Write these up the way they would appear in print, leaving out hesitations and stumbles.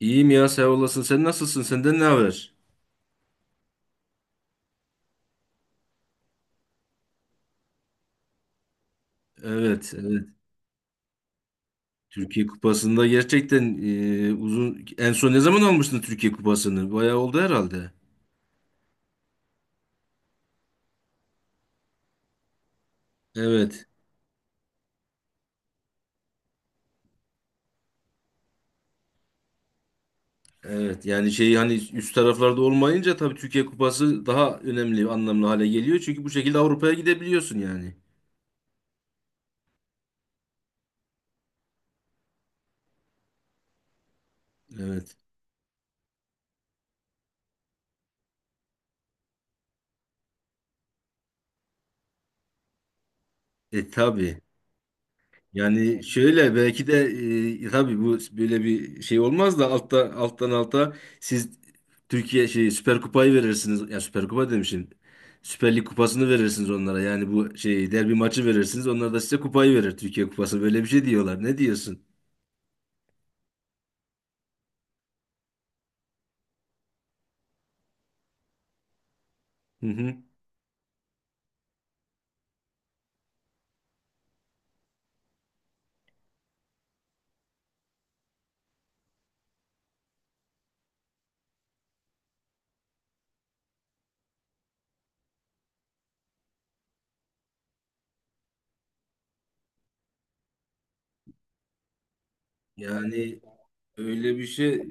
İyiyim ya sağ olasın. Sen nasılsın? Senden ne haber? Evet, evet. Türkiye Kupası'nda gerçekten uzun en son ne zaman almıştın Türkiye Kupası'nı? Bayağı oldu herhalde. Evet. Evet. Yani şey hani üst taraflarda olmayınca tabii Türkiye Kupası daha önemli, anlamlı hale geliyor. Çünkü bu şekilde Avrupa'ya gidebiliyorsun yani. Evet. E tabii. Yani şöyle belki de tabii bu böyle bir şey olmaz da altta alttan alta siz Türkiye şey Süper Kupayı verirsiniz. Ya Süper Kupa demişim. Süper Lig kupasını verirsiniz onlara. Yani bu şey derbi maçı verirsiniz. Onlar da size kupayı verir. Türkiye Kupası böyle bir şey diyorlar. Ne diyorsun? Hı hı. Yani öyle bir şey.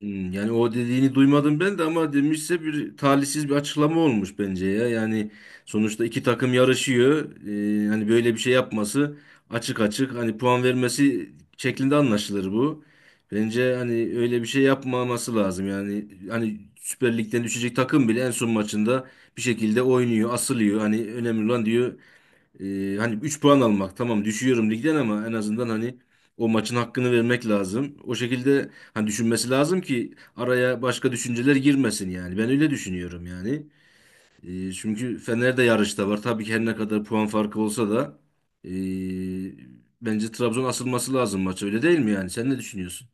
Yani o dediğini duymadım ben de ama demişse bir talihsiz bir açıklama olmuş bence ya. Yani sonuçta iki takım yarışıyor. Hani böyle bir şey yapması açık açık hani puan vermesi şeklinde anlaşılır bu. Bence hani öyle bir şey yapmaması lazım. Yani hani Süper Lig'den düşecek takım bile en son maçında bir şekilde oynuyor, asılıyor. Hani önemli olan diyor hani 3 puan almak tamam düşüyorum ligden ama en azından hani o maçın hakkını vermek lazım. O şekilde hani düşünmesi lazım ki araya başka düşünceler girmesin yani. Ben öyle düşünüyorum yani. Çünkü Fener de yarışta var. Tabii ki her ne kadar puan farkı olsa da ee, bence Trabzon asılması lazım maça öyle değil mi yani? Sen ne düşünüyorsun?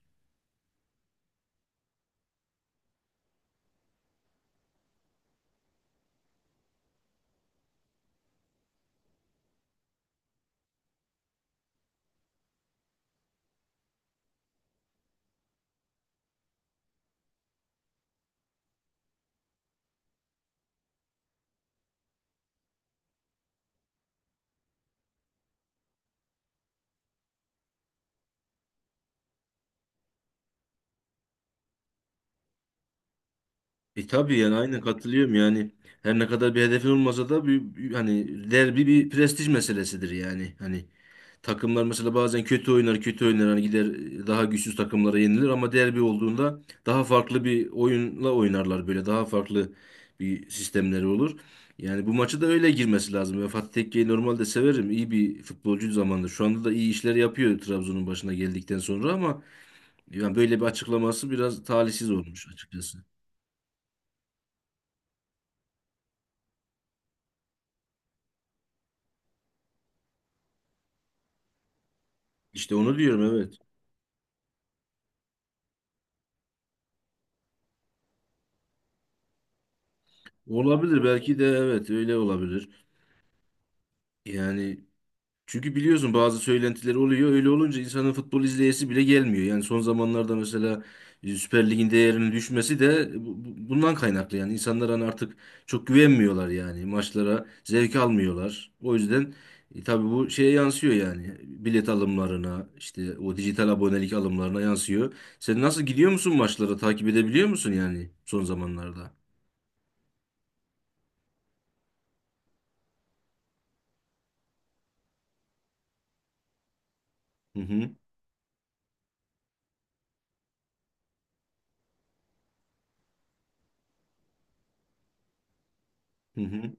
E tabii yani aynen katılıyorum yani. Her ne kadar bir hedefin olmasa da hani derbi bir prestij meselesidir yani. Hani takımlar mesela bazen kötü oynar, kötü oynar. Hani gider daha güçsüz takımlara yenilir ama derbi olduğunda daha farklı bir oyunla oynarlar böyle. Daha farklı bir sistemleri olur. Yani bu maçı da öyle girmesi lazım. Ben Fatih Tekke'yi normalde severim. İyi bir futbolcu zamanında. Şu anda da iyi işler yapıyor Trabzon'un başına geldikten sonra ama yani böyle bir açıklaması biraz talihsiz olmuş açıkçası. İşte onu diyorum, evet. Olabilir, belki de evet öyle olabilir. Yani çünkü biliyorsun bazı söylentiler oluyor. Öyle olunca insanın futbol izleyesi bile gelmiyor. Yani son zamanlarda mesela Süper Lig'in değerinin düşmesi de bundan kaynaklı. Yani insanlar hani artık çok güvenmiyorlar yani. Maçlara zevk almıyorlar. O yüzden tabii bu şeye yansıyor yani. Bilet alımlarına, işte o dijital abonelik alımlarına yansıyor. Sen nasıl gidiyor musun maçlara? Takip edebiliyor musun yani son zamanlarda? Hı hı. Hı hı.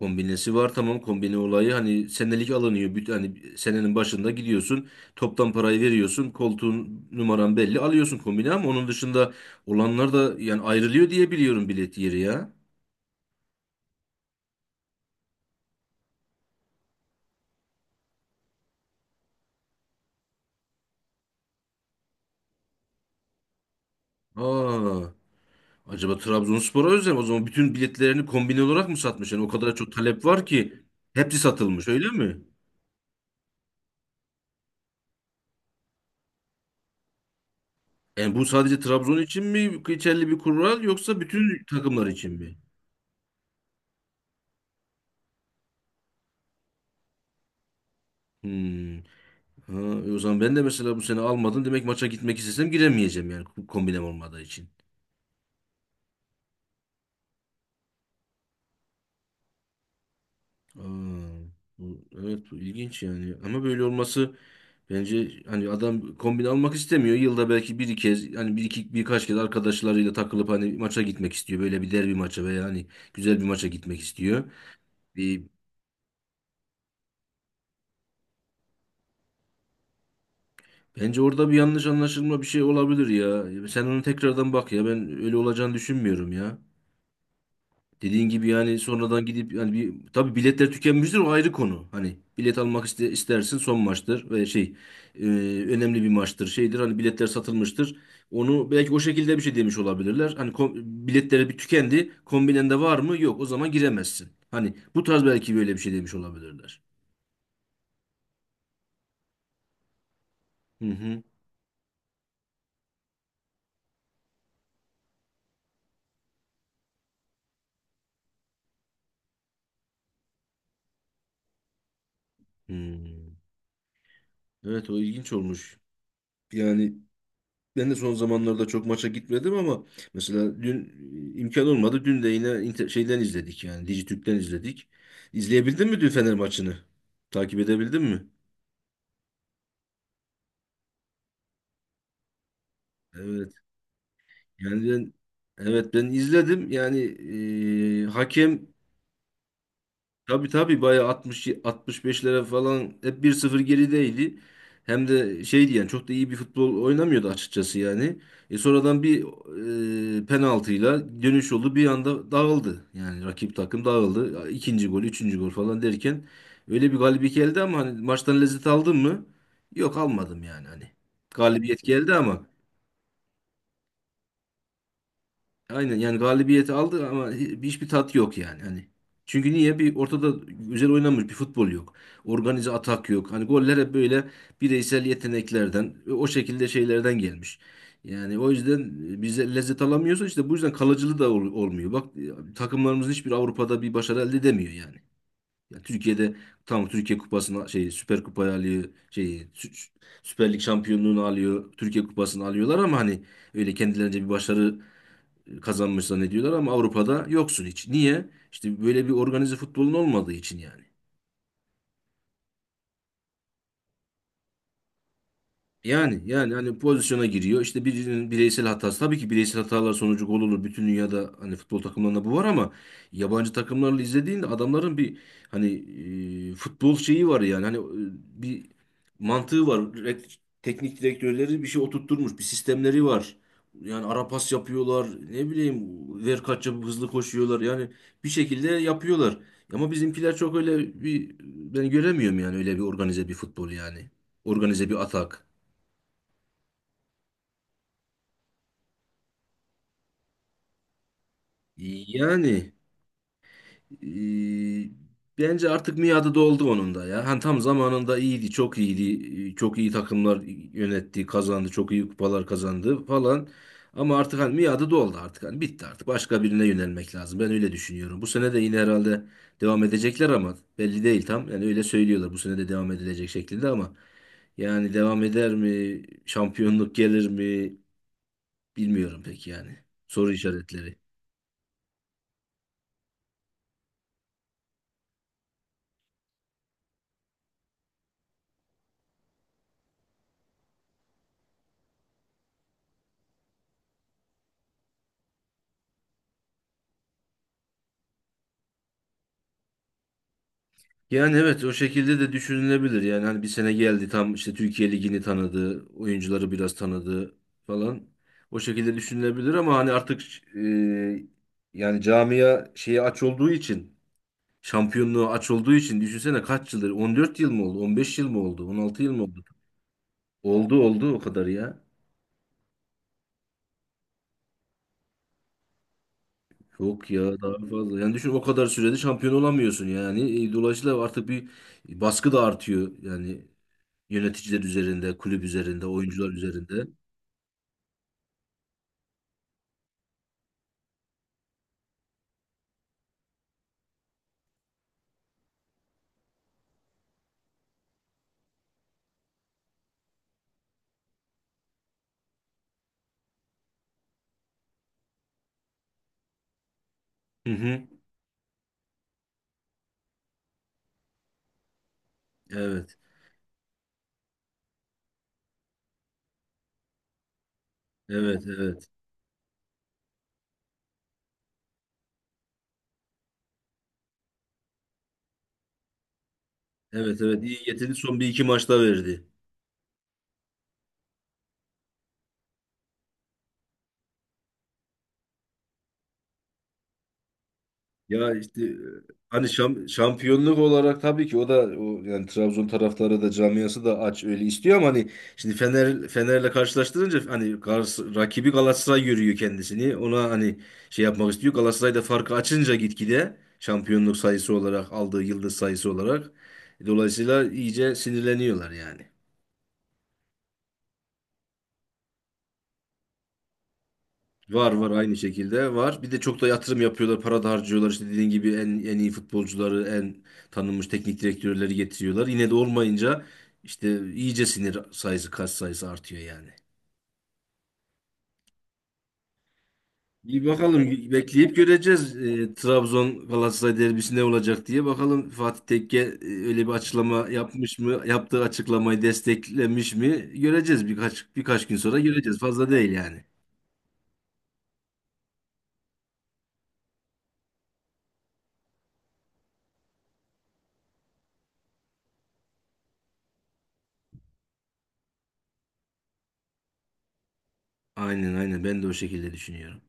Kombinesi var, tamam. Kombine olayı hani senelik alınıyor. Hani senenin başında gidiyorsun toptan parayı veriyorsun koltuğun numaran belli alıyorsun kombine ama onun dışında olanlar da yani ayrılıyor diye biliyorum bilet yeri ya. Aa, acaba Trabzonspor'a özel mi? O zaman bütün biletlerini kombine olarak mı satmış? Yani o kadar çok talep var ki hepsi satılmış öyle mi? Yani bu sadece Trabzon için mi geçerli bir kural yoksa bütün takımlar için mi? Hmm. Ha, o zaman ben de mesela bu sene almadım. Demek maça gitmek istesem giremeyeceğim yani kombinem olmadığı için. Aa, bu, evet bu ilginç yani. Ama böyle olması bence hani adam kombin almak istemiyor. Yılda belki bir kez hani bir iki birkaç kez arkadaşlarıyla takılıp hani maça gitmek istiyor. Böyle bir derbi maça veya hani güzel bir maça gitmek istiyor. Bir, bence orada bir yanlış anlaşılma bir şey olabilir ya. Sen onu tekrardan bak ya. Ben öyle olacağını düşünmüyorum ya. Dediğin gibi yani sonradan gidip yani bir tabii biletler tükenmiştir o ayrı konu. Hani bilet almak iste, istersin son maçtır ve şey e, önemli bir maçtır şeydir hani biletler satılmıştır. Onu belki o şekilde bir şey demiş olabilirler. Hani biletleri bir tükendi kombinende var mı yok o zaman giremezsin. Hani bu tarz belki böyle bir şey demiş olabilirler. Hı hı. Hmm. Evet o ilginç olmuş. Yani ben de son zamanlarda çok maça gitmedim ama mesela dün imkan olmadı. Dün de yine şeyden izledik yani Dijitürk'ten izledik. İzleyebildin mi dün Fener maçını? Takip edebildin mi? Evet. Yani ben evet ben izledim. Yani hakem tabii tabii bayağı 60 65'lere falan hep 1-0 gerideydi. Hem de şeydi yani çok da iyi bir futbol oynamıyordu açıkçası yani. E sonradan bir penaltıyla dönüş oldu. Bir anda dağıldı. Yani rakip takım dağıldı. İkinci gol, üçüncü gol falan derken öyle bir galibiyet geldi ama hani maçtan lezzet aldın mı? Yok almadım yani hani. Galibiyet geldi ama aynen yani galibiyeti aldı ama hiçbir tat yok yani hani. Çünkü niye? Bir ortada güzel oynanmış bir futbol yok. Organize atak yok. Hani goller hep böyle bireysel yeteneklerden, o şekilde şeylerden gelmiş. Yani o yüzden bize lezzet alamıyorsa işte bu yüzden kalıcılığı da olmuyor. Bak takımlarımızın hiçbir Avrupa'da bir başarı elde edemiyor yani. Yani Türkiye'de tam Türkiye Kupası'na şey Süper Kupayı alıyor, şey Sü- Süper Lig şampiyonluğunu alıyor, Türkiye Kupası'nı alıyorlar ama hani öyle kendilerince bir başarı kazanmış zannediyorlar ama Avrupa'da yoksun hiç. Niye? İşte böyle bir organize futbolun olmadığı için yani. Yani hani pozisyona giriyor. İşte birinin bireysel hatası. Tabii ki bireysel hatalar sonucu gol olur. Bütün dünyada hani futbol takımlarında bu var ama yabancı takımlarla izlediğinde adamların bir hani futbol şeyi var yani. Hani bir mantığı var. Teknik direktörleri bir şey oturtturmuş. Bir sistemleri var. Yani ara pas yapıyorlar. Ne bileyim ver kaç yapıp hızlı koşuyorlar. Yani bir şekilde yapıyorlar. Ama bizimkiler çok öyle bir ben göremiyorum yani öyle bir organize bir futbol yani. Organize bir atak. Yani e, bence artık miadı doldu onun da ya. Hani tam zamanında iyiydi, çok iyiydi. Çok iyi takımlar yönetti, kazandı, çok iyi kupalar kazandı falan. Ama artık hani miadı doldu artık. Hani bitti artık. Başka birine yönelmek lazım. Ben öyle düşünüyorum. Bu sene de yine herhalde devam edecekler ama belli değil tam. Yani öyle söylüyorlar. Bu sene de devam edilecek şeklinde ama yani devam eder mi? Şampiyonluk gelir mi? Bilmiyorum pek yani. Soru işaretleri. Yani evet o şekilde de düşünülebilir. Yani hani bir sene geldi tam işte Türkiye Ligi'ni tanıdı, oyuncuları biraz tanıdı falan. O şekilde düşünülebilir ama hani artık e, yani camia şeyi aç olduğu için, şampiyonluğu aç olduğu için düşünsene kaç yıldır? 14 yıl mı oldu? 15 yıl mı oldu? 16 yıl mı oldu? Oldu oldu o kadar ya. Yok ya daha fazla. Yani düşün o kadar sürede şampiyon olamıyorsun yani. Dolayısıyla artık bir baskı da artıyor yani yöneticiler üzerinde, kulüp üzerinde, oyuncular üzerinde. Hı hı. Evet. Evet, evet. Evet, evet. İyi getirdi. Son bir iki maçta verdi. Ya işte hani şampiyonluk olarak tabii ki o da o yani Trabzon taraftarı da camiası da aç öyle istiyor ama hani şimdi Fener'le karşılaştırınca hani rakibi Galatasaray görüyor kendisini. Ona hani şey yapmak istiyor. Galatasaray da farkı açınca gitgide şampiyonluk sayısı olarak aldığı yıldız sayısı olarak dolayısıyla iyice sinirleniyorlar yani. Var var aynı şekilde var. Bir de çok da yatırım yapıyorlar, para da harcıyorlar. İşte dediğin gibi en iyi futbolcuları, en tanınmış teknik direktörleri getiriyorlar. Yine de olmayınca işte iyice sinir sayısı, kas sayısı artıyor yani. İyi bakalım bekleyip göreceğiz. Trabzon Galatasaray derbisi ne olacak diye. Bakalım Fatih Tekke öyle bir açıklama yapmış mı? Yaptığı açıklamayı desteklemiş mi? Göreceğiz birkaç gün sonra göreceğiz. Fazla değil yani. Aynen aynen ben de o şekilde düşünüyorum.